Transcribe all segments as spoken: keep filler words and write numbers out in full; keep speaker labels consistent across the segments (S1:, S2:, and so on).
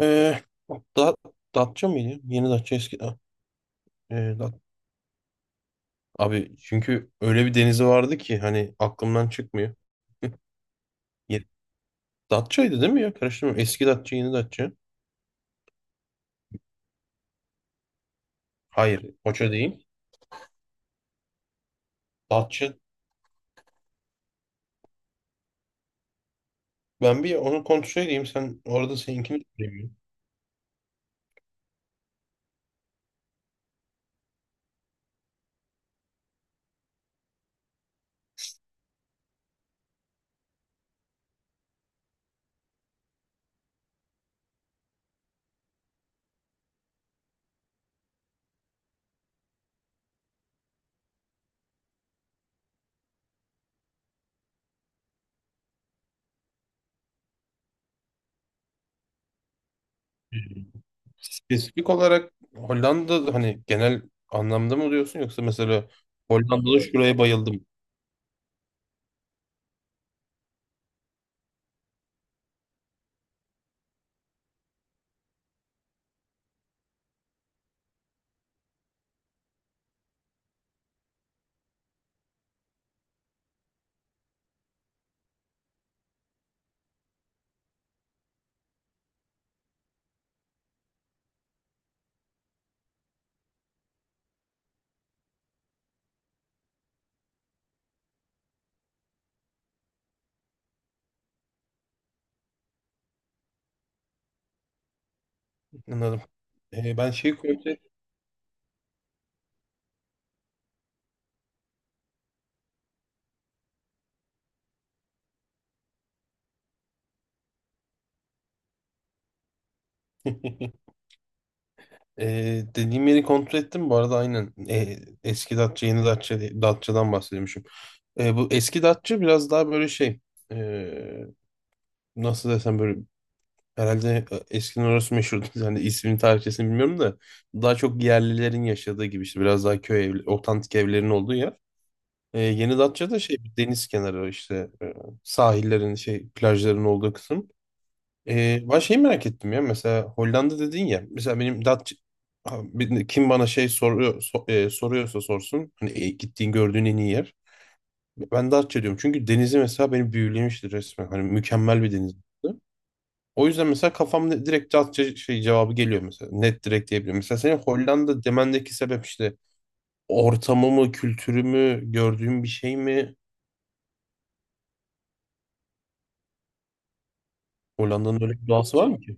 S1: Ee, da, Datça mıydı? Yeni Datça eski. Ha, ee, Dat- Abi, çünkü öyle bir denizi vardı ki hani aklımdan çıkmıyor. Ye- Datça'ydı değil mi ya? Karıştırma. Eski Datça, yeni Datça. Hayır, Foça değil. Datça. Ben bir onu kontrol edeyim. Sen orada seninkini söyleyeyim. Ee, Spesifik olarak Hollanda hani genel anlamda mı diyorsun, yoksa mesela Hollanda'da şuraya bayıldım? Anladım. Ee, ben şeyi kontrol. Ee, dediğim yeri kontrol ettim. Bu arada aynen ee, eski Datça yeni Datça, Datça'dan bahsediyormuşum. Ee, bu eski Datça biraz daha böyle şey, ee, nasıl desem, böyle herhalde e, eskiden orası meşhurdu. Yani ismini tarihçesini bilmiyorum da daha çok yerlilerin yaşadığı gibi, işte biraz daha köy evli, otantik evlerin olduğu yer. Ee, yeni Datça da şey deniz kenarı, işte ee, sahillerin şey plajların olduğu kısım. Ee, ben şeyi merak ettim ya. Mesela Hollanda dedin ya, mesela benim Datça, ha, bir- kim bana şey soruyor, so- e, soruyorsa sorsun hani, e, gittiğin gördüğün en iyi yer ben Datça diyorum, çünkü denizi mesela beni büyülemişti resmen. Hani mükemmel bir deniz. O yüzden mesela kafamda direkt Datça şey cevabı geliyor. Mesela net, direkt diyebilirim. Mesela senin Hollanda demendeki sebep işte ortamı mı, kültürü mü, gördüğün bir şey mi? Hollanda'nın öyle bir doğası var mı ki?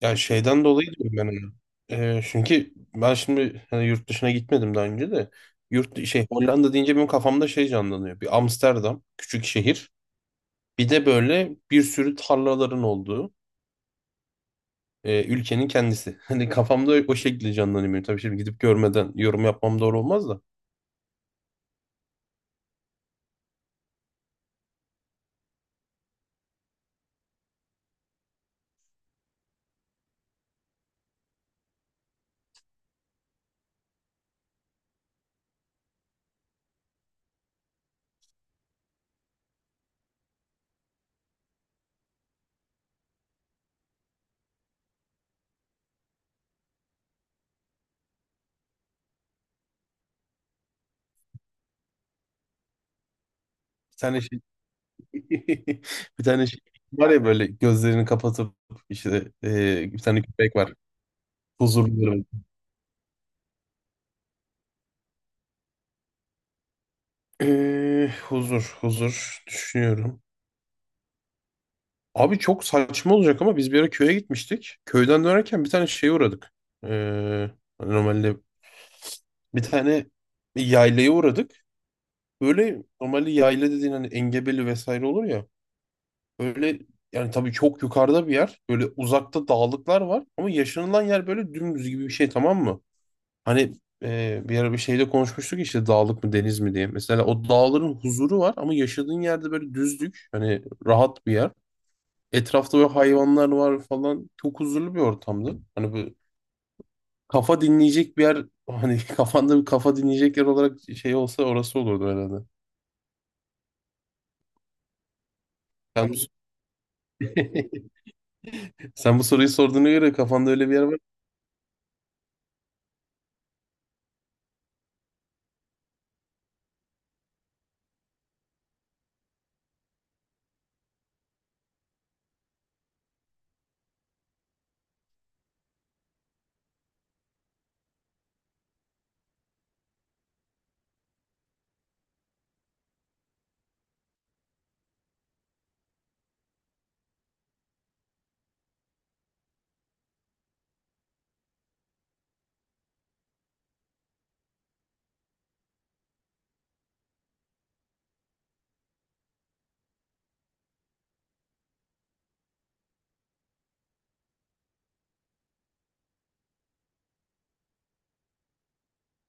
S1: Ya şeyden dolayı diyorum ben onu. Ee, çünkü ben şimdi hani yurt dışına gitmedim daha önce de. Yurt şey Hollanda deyince benim kafamda şey canlanıyor. Bir Amsterdam, küçük şehir. Bir de böyle bir sürü tarlaların olduğu, e, ülkenin kendisi. Hani kafamda o şekilde canlanıyor benim. Tabii şimdi gidip görmeden yorum yapmam doğru olmaz da. Bir tane şey. Bir tane şey var ya, böyle gözlerini kapatıp işte, e, bir tane köpek var. Huzurlu. Ee, huzur, huzur düşünüyorum. Abi çok saçma olacak ama biz bir ara köye gitmiştik. Köyden dönerken bir tane şeye uğradık. Ee, hani normalde bir tane yaylaya uğradık. Böyle normalde yayla dediğin hani engebeli vesaire olur ya. Böyle, yani tabii çok yukarıda bir yer. Böyle uzakta dağlıklar var. Ama yaşanılan yer böyle dümdüz gibi bir şey, tamam mı? Hani, e, bir ara bir şeyde konuşmuştuk işte dağlık mı deniz mi diye. Mesela o dağların huzuru var ama yaşadığın yerde böyle düzlük. Hani rahat bir yer. Etrafta böyle hayvanlar var falan. Çok huzurlu bir ortamdı. Hani böyle kafa dinleyecek bir yer, hani kafanda bir kafa dinleyecek yer olarak şey olsa orası olurdu herhalde. Sen bu, sen bu soruyu sorduğuna göre kafanda öyle bir yer var.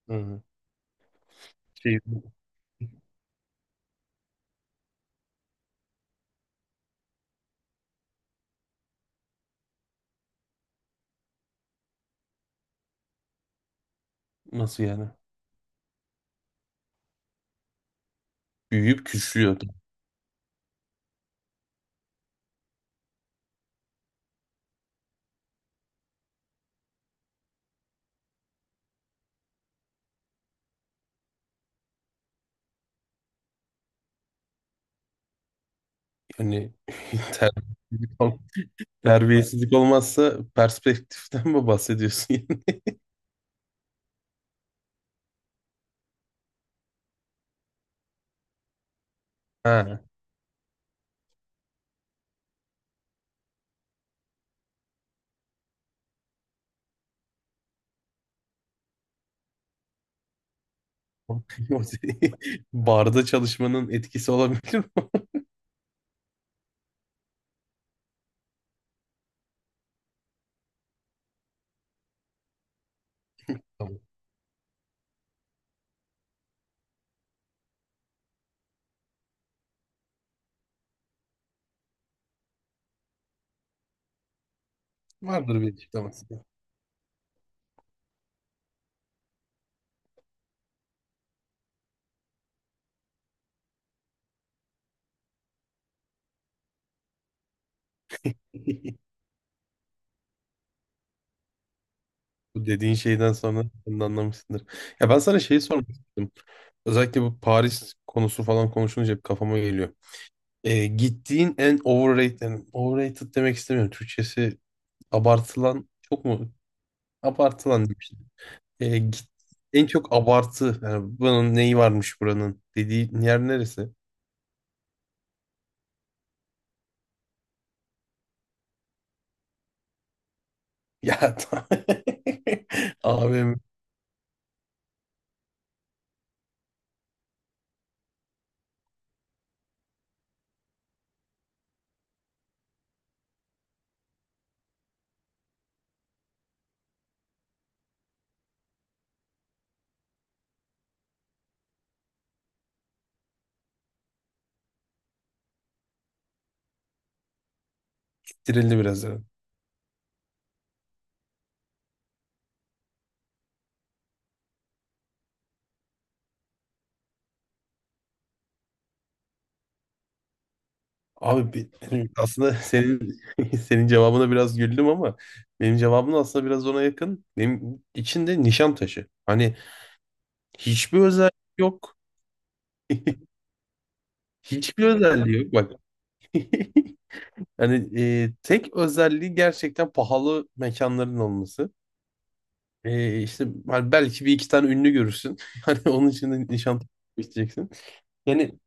S1: Hı. Şey, nasıl yani? Büyüyüp küçülüyor. Yani ter- terbiyesizlik olmazsa perspektiften mi bahsediyorsun yani? Ha. Barda çalışmanın etkisi olabilir mi? Tamam. Vardır bir açıklaması. Bu dediğin şeyden sonra sen de anlamışsındır. Ya ben sana şeyi sormak istedim. Özellikle bu Paris konusu falan konuşunca hep kafama geliyor. Ee, gittiğin en overrated, yani overrated demek istemiyorum. Türkçesi abartılan çok mu? Abartılan diyeyim işte. Ee, git, en çok abartı. Yani bunun neyi varmış, buranın dediği yer neresi? Ya tamam. Abim bitirildi biraz. Abi bi- benim aslında senin, senin cevabına biraz güldüm ama benim cevabım da aslında biraz ona yakın. Benim içinde nişan taşı. Hani hiçbir özelliği yok. Hiçbir özelliği yok bak. Hani, e, tek özelliği gerçekten pahalı mekanların olması. E, işte hani belki bir iki tane ünlü görürsün. Hani onun için de nişan taşı isteyeceksin. Yani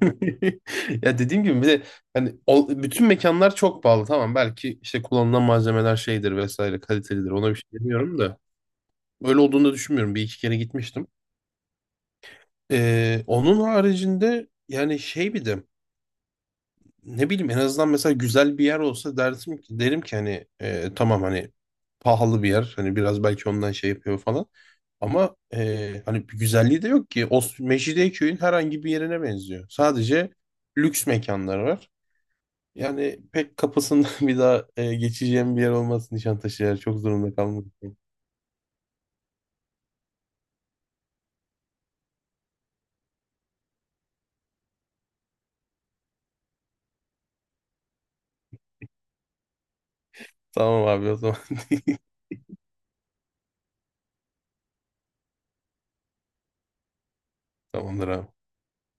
S1: Ya dediğim gibi, bir de hani o- bütün mekanlar çok pahalı, tamam. Belki işte kullanılan malzemeler şeydir vesaire, kalitelidir, ona bir şey demiyorum da öyle olduğunu da düşünmüyorum. Bir iki kere gitmiştim. Ee, onun haricinde yani şey, bir de ne bileyim en azından mesela güzel bir yer olsa dersim ki derim ki, hani e, tamam, hani pahalı bir yer, hani biraz belki ondan şey yapıyor falan, ama e, hani bir güzelliği de yok ki. O Mecidiyeköy'ün herhangi bir yerine benziyor sadece, lüks mekanlar var. Yani pek kapısından bir daha e, geçeceğim bir yer olmaz Nişantaşı, yer çok zorunda kalmak. Tamam abi o zaman. Tamamdır abi.